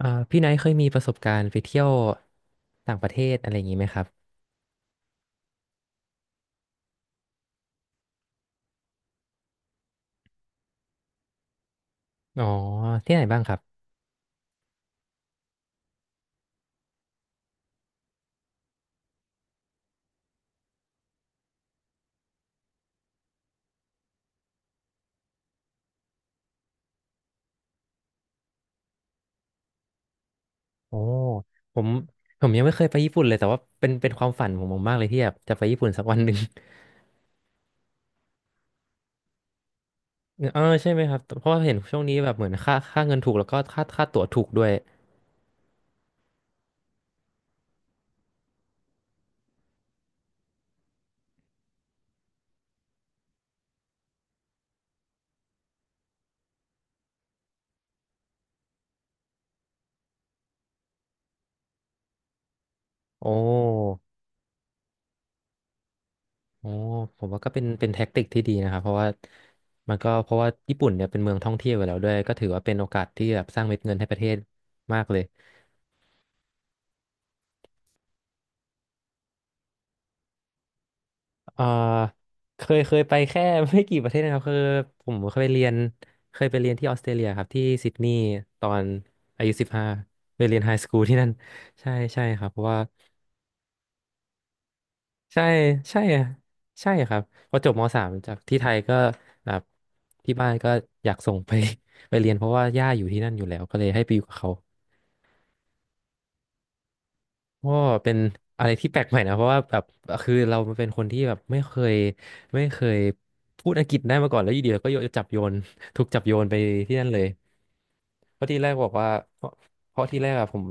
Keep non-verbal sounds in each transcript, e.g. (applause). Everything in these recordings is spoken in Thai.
พี่ไนท์เคยมีประสบการณ์ไปเที่ยวต่างประเทศอะไรอย่างนี้ไหมครับอ๋อที่ไหนบ้างครับโอ้ผมผมยังไม่เคยไปญี่ปุ่นเลยแต่ว่าเป็นความฝันของผมมากเลยที่แบบจะไปญี่ปุ่นสักวันหนึ่ง (laughs) เออใช่ไหมครับเพราะว่าเห็นช่วงนี้แบบเหมือนค่าเงินถูกแล้วก็ค่าตั๋วถูกด้วยโอ้โอ้ผมว่าก็เป็นแท็กติกที่ดีนะครับเพราะว่ามันก็เพราะว่าญี่ปุ่นเนี่ยเป็นเมืองท่องเที่ยวอยู่แล้วด้วยก็ถือว่าเป็นโอกาสที่แบบสร้างเม็ดเงินให้ประเทศมากเลย เอ่อเคยไปแค่ (laughs) ไม่กี่ประเทศนะครับคือผมเคยไปเรียนที่ออสเตรเลียครับที่ซิดนีย์ตอนอายุ15ไปเรียนไฮสคูลที่นั่น (laughs) ใช่ใช่ครับเพราะว่าใช่ใช่อะใช่ครับพอจบม.3จากที่ไทยก็แบบที่บ้านก็อยากส่งไป (laughs) ไปเรียนเพราะว่าย่าอยู่ที่นั่นอยู่แล้วก็เลยให้ไปอยู่กับเขา ก็เป็นอะไรที่แปลกใหม่นะเพราะว่าแบบคือเราเป็นคนที่แบบไม่เคยพูดอังกฤษได้มาก่อนแล้วอยู่ดีเราก็โยนจับโยน (laughs) ถูกจับโยนไปที่นั่นเลยเพราะที่แรกบอกว่าเพราะเพราะที่แรกอะผม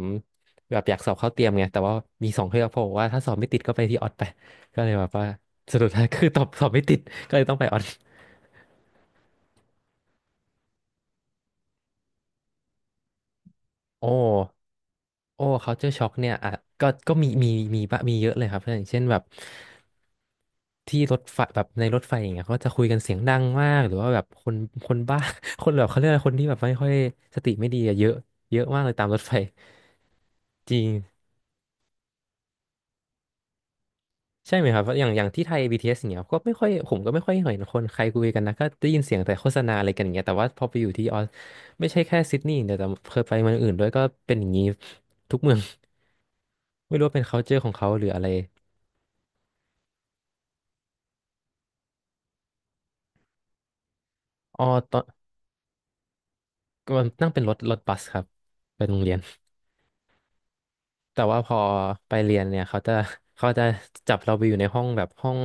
แบบอยากสอบเข้าเตรียมไงแต่ว่ามีสองเทือกเพราะว่าถ้าสอบไม่ติดก็ไปที่ออดไปก็เลยแบบว่าสรุป (laughs) ท้ายคือตอบสอบไม่ติดก็เลยต้องไปออดโอ้ โอ้ culture shock เนี่ยอ่ะก็มีเยอะเลยครับเพื่อนอย่างเช่นแบบที่รถไฟแบบในรถไฟอย่างเงี้ยเขาก็จะคุยกันเสียงดังมากหรือว่าแบบคนบ้า (laughs) คนแบบเขาเรียกอะไรคนที่แบบไม่ค่อยสติไม่ดีอะเยอะเยอะมากเลยตามรถไฟจริงใช่ไหมครับอย่างที่ไทย BTS อสอย่างเงี้ยก็ไม่ค่อยผมก็ไม่ค่อยเห็นคนใครคุยกันนะก็ได้ยินเสียงแต่โฆษณาอะไรกันอย่างเงี้ยแต่ว่าพอไปอยู่ที่ออสไม่ใช่แค่ซิดนีย์อย่างเดียวแต่เคยไปเมืองอื่นด้วยก็เป็นอย่างนี้ทุกเมือง (laughs) ไม่รู้ว่าเป็น culture ของเขาหรืออะไรอ๋อตอน ก็นั่งเป็นรถบัสครับไปโรงเรียนแต่ว่าพอไปเรียนเนี่ยเขาจะจับเราไปอยู่ในห้องแบบห้อง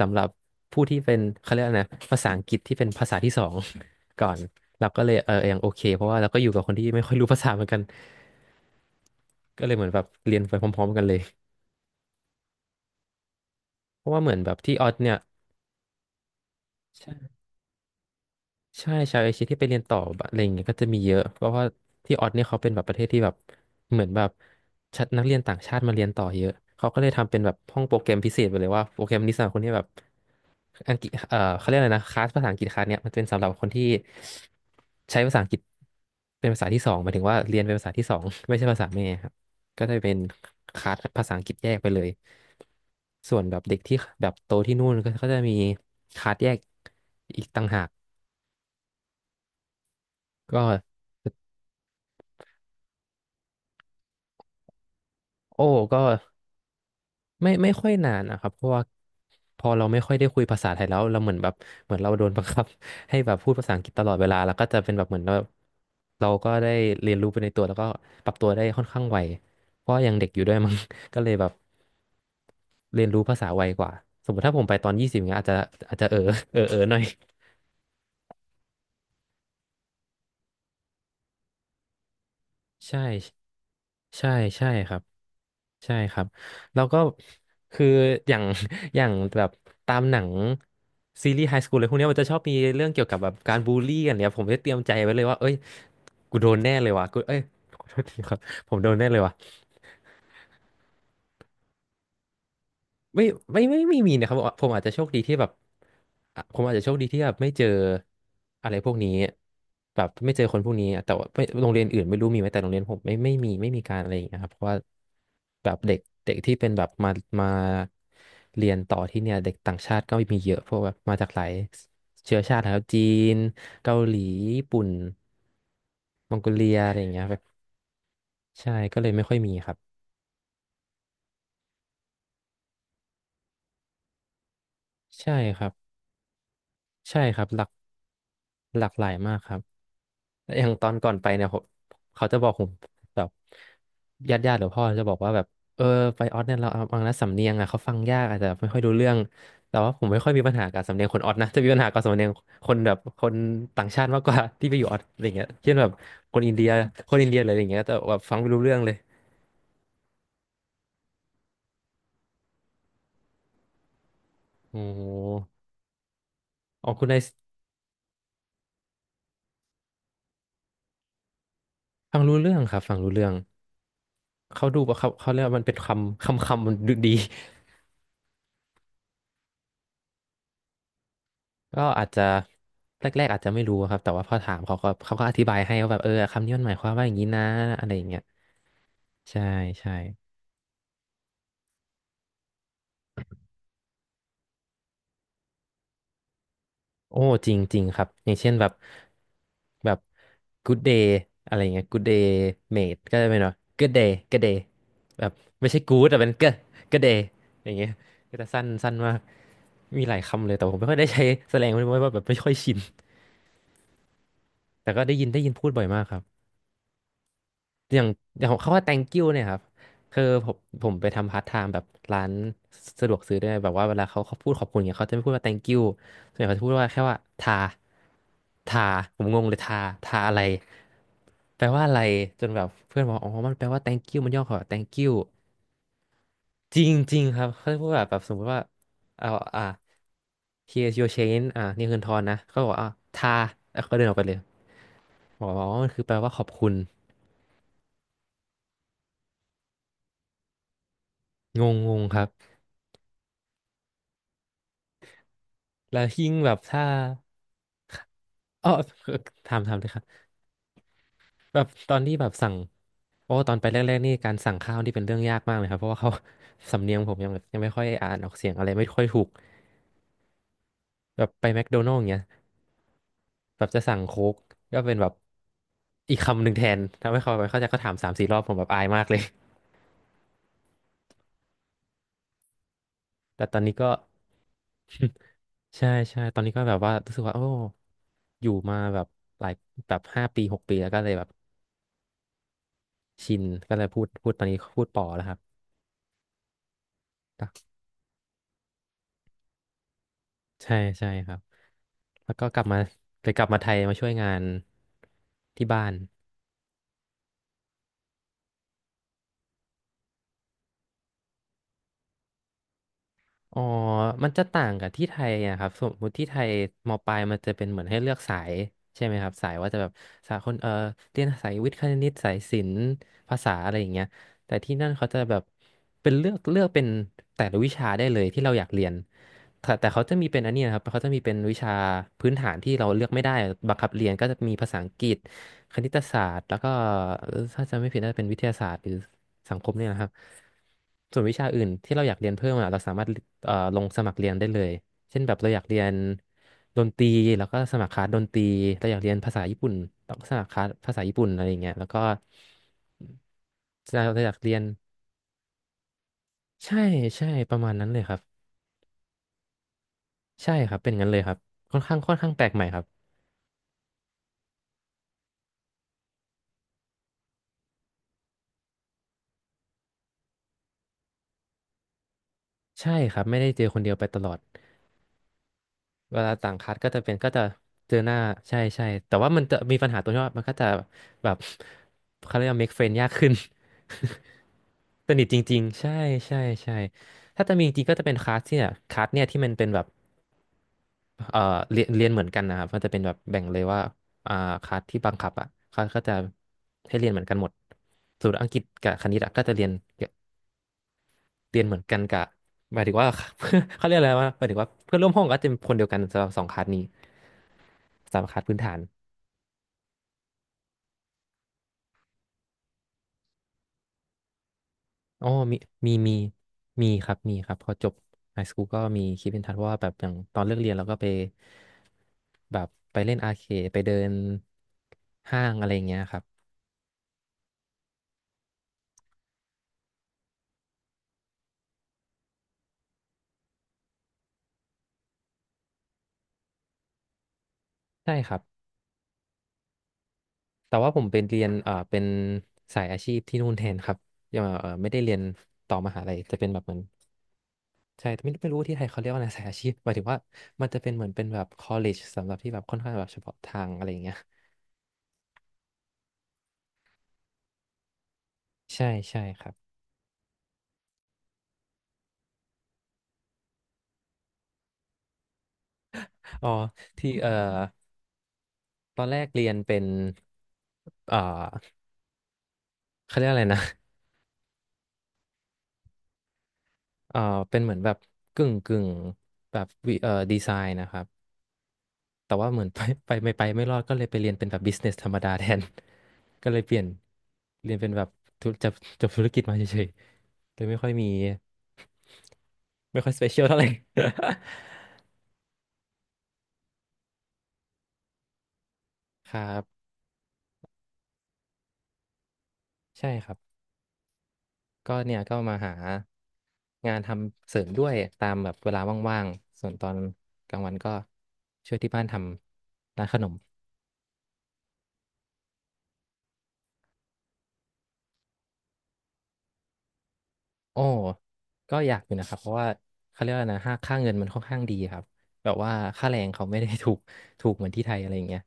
สำหรับผู้ที่เป็นเขาเรียกอะไรนะภาษาอังกฤษที่เป็นภาษาที่สอง (laughs) ก่อนเราก็เลยเออยังโอเคเพราะว่าเราก็อยู่กับคนที่ไม่ค่อยรู้ภาษาเหมือนกันก็เลยเหมือนแบบเรียนไปพร้อมๆกันเลยเพราะว่าเหมือนแบบที่ออสเนี่ย ใช่ ชาวเอเชียที่ไปเรียนต่อแบบอะไรอย่างเงี้ยก็จะมีเยอะเพราะว่าที่ออสเนี่ยเขาเป็นแบบประเทศที่แบบเหมือนแบบชัดนักเรียนต่างชาติมาเรียนต่อเยอะเขาก็เลยทำเป็นแบบห้องโปรแกรมพิเศษไปเลยว่าโปรแกรมนี้สำหรับคนที่แบบอังกฤษเขาเรียกอะไรนะคลาสภาษาอังกฤษคลาสเนี่ยมันเป็นสำหรับคนที่ใช้ภาษาอังกฤษเป็นภาษาที่สองหมายถึงว่าเรียนเป็นภาษาที่สอง (laughs) ไม่ใช่ภาษาแม่ครับก็จะเป็นคลาสภาษาอังกฤษแยกไปเลยส่วนแบบเด็กที่แบบโตที่นู่นก็จะมีคลาสแยกอีกต่างหาก ก็โอ้ก็ไม่ค่อยนานนะครับเพราะว่าพอเราไม่ค่อยได้คุยภาษาไทยแล้วเราเหมือนแบบเหมือนเราโดนบังคับ (laughs) ให้แบบพูดภาษาอังกฤษตลอดเวลาแล้วก็จะเป็นแบบเหมือนเราก็ได้เรียนรู้ไปในตัวแล้วก็ปรับตัวได้ค่อนข้างไวเพราะยังเด็กอยู่ด้วยมั้ง (laughs) ก็เลยแบบเรียนรู้ภาษาไวกว่าสมมติถ้าผมไปตอน20เงี้ยอาจจะหน่อย (laughs) ใช่ใช่ใช่ครับ ใช่ครับแล้วก็คืออย่าง (laughs) อย่างแบบตามหนังซีรีส์ไฮสคูลอะไรพวกเนี้ยมันจะชอบมีเรื่องเกี่ยวกับแบบการบูลลี่กันเนี่ยผมได้เตรียมใจไว้เลยว่าเอ้ยกูโดนแน่เลยว่ะกูเอ้ยขอโทษทีครับผมโดนแน่เลยว่ะ ไม่ไม่มีนะครับผมอาจจะโชคดีที่แบบผมอาจจะโชคดีที่แบบไม่เจออะไรพวกนี้แบบไม่เจอคนพวกนี้แต่ว่าไม่โรงเรียนอื่นไม่รู้มีไหมแต่โรงเรียนผมไม่มีไม่มีการอะไรอย่างเงี้ยครับเพราะว่าแบบเด็กเด็กที่เป็นแบบมาเรียนต่อที่เนี่ยเด็กต่างชาติก็มีเยอะพวกแบบมาจากหลายเชื้อชาตินะครับจีนเกาหลีญี่ปุ่นมองโกเลียอะไรอย่างเงี้ยแบบใช่ก็เลยไม่ค่อยมีครับใช่ครับใช่ครับหลากหลายมากครับ แล้วอย่างตอนก่อนไปเนี่ยผมเขาจะบอกผมแบบญาติหรือพ่อจะบอกว่าแบบเออไปออสเนี่ยเราบางนะสำเนียงอ่ะเขาฟังยากอาจจะไม่ค่อยรู้เรื่องแต่ว่าผมไม่ค่อยมีปัญหากับสำเนียงคนออสนะจะมีปัญหากับสำเนียงคนแบบคนต่างชาติมากกว่า (laughs) ที่ไปอยู่ออสอะไรเงี้ยเช่นแบบคนอินเดียคนอินเดียอะไรอย่างเงี้ยแต่แบบฟังไม่รู้เรื่องเลยโอ้โหออกคุณนายฟังรู้เรื่องครับฟังรู้เรื่องเขาดูว่าเขาเรียกว่ามันเป็นคำมันดูดี ก็อาจจะแรกๆอาจจะไม่รู้ครับแต่ว่าพอถามเขาก็อธิบายให้ว่าแบบเออคำนี้มันหมายความว่าอย่างนี้นะอะไรอย่างเงี้ยใช่ใช่โอ้จริงจริงครับอย่างเช่นแบบแบบ good day อะไรอย่างเงี้ย good day mate ก็จะเป็นว่า good day good day แบบไม่ใช่ good แต่เป็น good good day อย่างเงี้ยก็จะสั้นสั้นมากมีหลายคำเลยแต่ผมไม่ค่อยได้ใช้แสดงไม่ว่าแบบไม่ค่อยชินแต่ก็ได้ยินได้ยินพูดบ่อยมากครับ อย่างอย่างเขาว่า thank you เนี่ยครับคือผมไปทำพาร์ทไทม์แบบร้านสะดวกซื้อด้วยแบบว่าเวลาเขาพูดขอบคุณเนี่ยเขาจะไม่พูดว่า thank you ส่วนใหญ่เขาจะพูดว่าแค่ว่าทาผมงงเลยทาอะไรแปลว่าอะไรจนแบบเพื่อนบอกอ๋อมันแปลว่า thank you มันย่อคำว่า thank you จริงจริงครับเขาจะพูดแบบแบบสมมติว่าเอาอ่า here's your change อ่านี่คือทอนนะเขาบอกอ่าทาแล้วเขาเดินออกไปเลยบอกว่าอ๋อมันคือแปลว่าขอบคุณงงงงครับ แล้วยิ่งแบบถ้าอ๋อถามเลยครับแบบตอนที่แบบสั่งโอ้ตอนไปแรกๆนี่การสั่งข้าวนี่เป็นเรื่องยากมากเลยครับเพราะว่าเขา (laughs) สำเนียงผมยังแบบยังไม่ค่อยอ่านออกเสียงอะไรไม่ค่อยถูกแบบไปแมคโดนัลด์อย่างเงี้ยแบบจะสั่งโค้กก็เป็นแบบอีกคำหนึ่งแทนทำให้เขาไม่เข้าใจเขาถามสามสี่รอบผมแบบอายมากเลย (laughs) แต่ตอนนี้ก็ (laughs) ใช่ใช่ตอนนี้ก็แบบว่ารู้สึกว่าโอ้อยู่มาแบบหลายแบบห้าปีหกปีแล้วก็เลยแบบชินก็เลยพูดตอนนี้พูดป่อแล้วครับ ใช่ใช่ครับแล้วก็กลับมาไปกลับมาไทยมาช่วยงานที่บ้าน อ๋อมันจะต่างกับที่ไทยนะครับสมมติที่ไทยมปลายมันจะเป็นเหมือนให้เลือกสายใช่ไหมครับสายว่าจะแบบสายคนเออเรียนสายวิทย์คณิตสายศิลป์ภาษาอะไรอย่างเงี้ยแต่ที่นั่นเขาจะแบบเป็นเลือกเป็นแต่ละวิชาได้เลยที่เราอยากเรียนแต่เขาจะมีเป็นอันนี้นะครับเขาจะมีเป็นวิชาพื้นฐานที่เราเลือกไม่ได้บังคับเรียนก็จะมีภาษาอังกฤษคณิตศาสตร์แล้วก็เอ่อถ้าจำไม่ผิดน่าจะเป็นวิทยาศาสตร์หรือ สังคมเนี่ยนะครับส่วนวิชาอื่นที่เราอยากเรียนเพิ่มอะเราสามารถลงสมัครเรียนได้เลยเช่นแบบเราอยากเรียนดนตรีแล้วก็สมัครคลาสดนตรีเราอยากเรียนภาษาญี่ปุ่นเราก็สมัครคลาสภาษาญี่ปุ่นอะไรอย่างเงี้ยแล้วก็เราอยากเรียนใช่ใช่ประมาณนั้นเลยครับใช่ครับเป็นงั้นเลยครับค่อนข้างแปลกใหม่ครับใช่ครับไม่ได้เจอคนเดียวไปตลอด เวลาต่างคัดก็จะเจอหน้าใช่ใช่แต่ว่ามันจะมีปัญหาตรงที่ว่ามันก็จะแบบเขาเรียกว่า make friend ยากขึ้น (laughs) สนิทจริงๆใช่ใช่ใช่ถ้าจะมีจริงก็จะเป็นคลาสเนี่ยที่มันเป็นแบบเอ่อเรียนเหมือนกันนะครับมันจะเป็นแบบแบ่งเลยว่าอ่าคลาสที่บังคับอ่ะเขาก็จะให้เรียนเหมือนกันหมดส่วนอังกฤษกับคณิตอะก็จะเรียน เหมือนกันกบหมายถึงว่า (laughs) เขาเรียกอะไรวาหมายถึงว่าเพื่อนร่วมห้องก็จะเป็นคนเดียวกันสำหรับสองคลาสนี้สามคลาสพื้นฐานอ๋อมีมีมีครับพอจบไฮสคูลก็มีคิดเป็นทันเพราะว่าแบบอย่างตอนเลิกเรียนเราก็ไปแบบไปเล่นอาร์เคดไปเดินห้างอะไรอย่างเงี้ยครับใช่ครับแต่ว่าผมเป็นเรียนเป็นสายอาชีพที่นู่นแทนครับยังไม่ได้เรียนต่อมหาลัยจะเป็นแบบเหมือน ใช่แต่ไม่รู้ที่ไทยเขาเรียกว่าอะไรสายอาชีพหมายถึงว่ามันจะเป็นเหมือนเป็นแบบ college สำหรับที่แบบค่อนข้างแบบเฉพาะทางอะไรอย่างเงี้ยใช่ใช่ครับอ๋อที่ตอนแรกเรียนเป็นเอ่อเขาเรียกอะไรนะเอ่อเป็นเหมือนแบบกึ่งแบบวิดีไซน์นะครับแต่ว่าเหมือน (laughs) ไปไปไม่รอดก็เลยไปเรียนเป็นแบบ business ธรรมดาแทน (laughs) ก็เลยเปลี่ยนเรียนเป็นแบบธุรจบจบธุรกิจมาเฉยๆเลยไม่ค่อยมีไม่ค่อย special เปเชียลเท่าไหร่ (laughs) ครับใช่ครับ ก็เนี่ยก็มาหางานทำเสริมด้วยตามแบบเวลาว่างๆส่วนตอนกลางวันก็ช่วยที่บ้านทำร้านขนมโอ้ก็อยากอยู่นะครับเพราะว่าเขาเรียกว่านะค่าเงินมันค่อนข้างดีครับ แบบว่าค่าแรงเขาไม่ได้ถูกเหมือนที่ไทยอะไรอย่างเงี้ย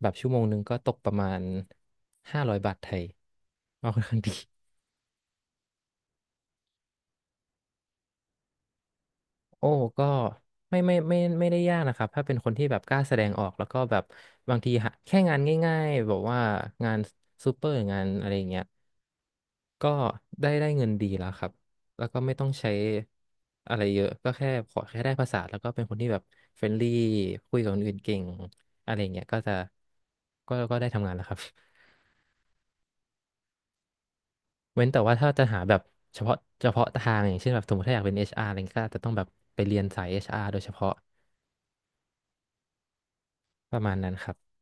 แบบชั่วโมงหนึงก็ตกประมาณ500 บาทไทยก็ค่อนข้างดี โอ้ก็ไม่ได้ยากนะครับถ้าเป็นคนที่แบบกล้าแสดงออกแล้วก็แบบบางทีหาแค่งานง่ายๆแบบว่างานซูเปอร์งานอะไรอย่างเงี้ยก็ได้เงินดีแล้วครับแล้วก็ไม่ต้องใช้อะไรเยอะก็แค่ขอแค่ได้ภาษาแล้วก็เป็นคนที่แบบเฟรนลี่คุยกับคนอื่นเก่งอะไรอย่างเงี้ยก็จะก็ก็ได้ทำงานแล้วครับ (laughs) เว้นแต่ว่าถ้าจะหาแบบเฉพาะเฉพาะทางอย่างเช่นแบบสมมติถ้าอยากเป็น HR อชอาร์อะไรเงี้ยก็อาจจะต้องแบบไปเรียนสายเอชอาร r โดยเฉพาะประมาณนั้นครับ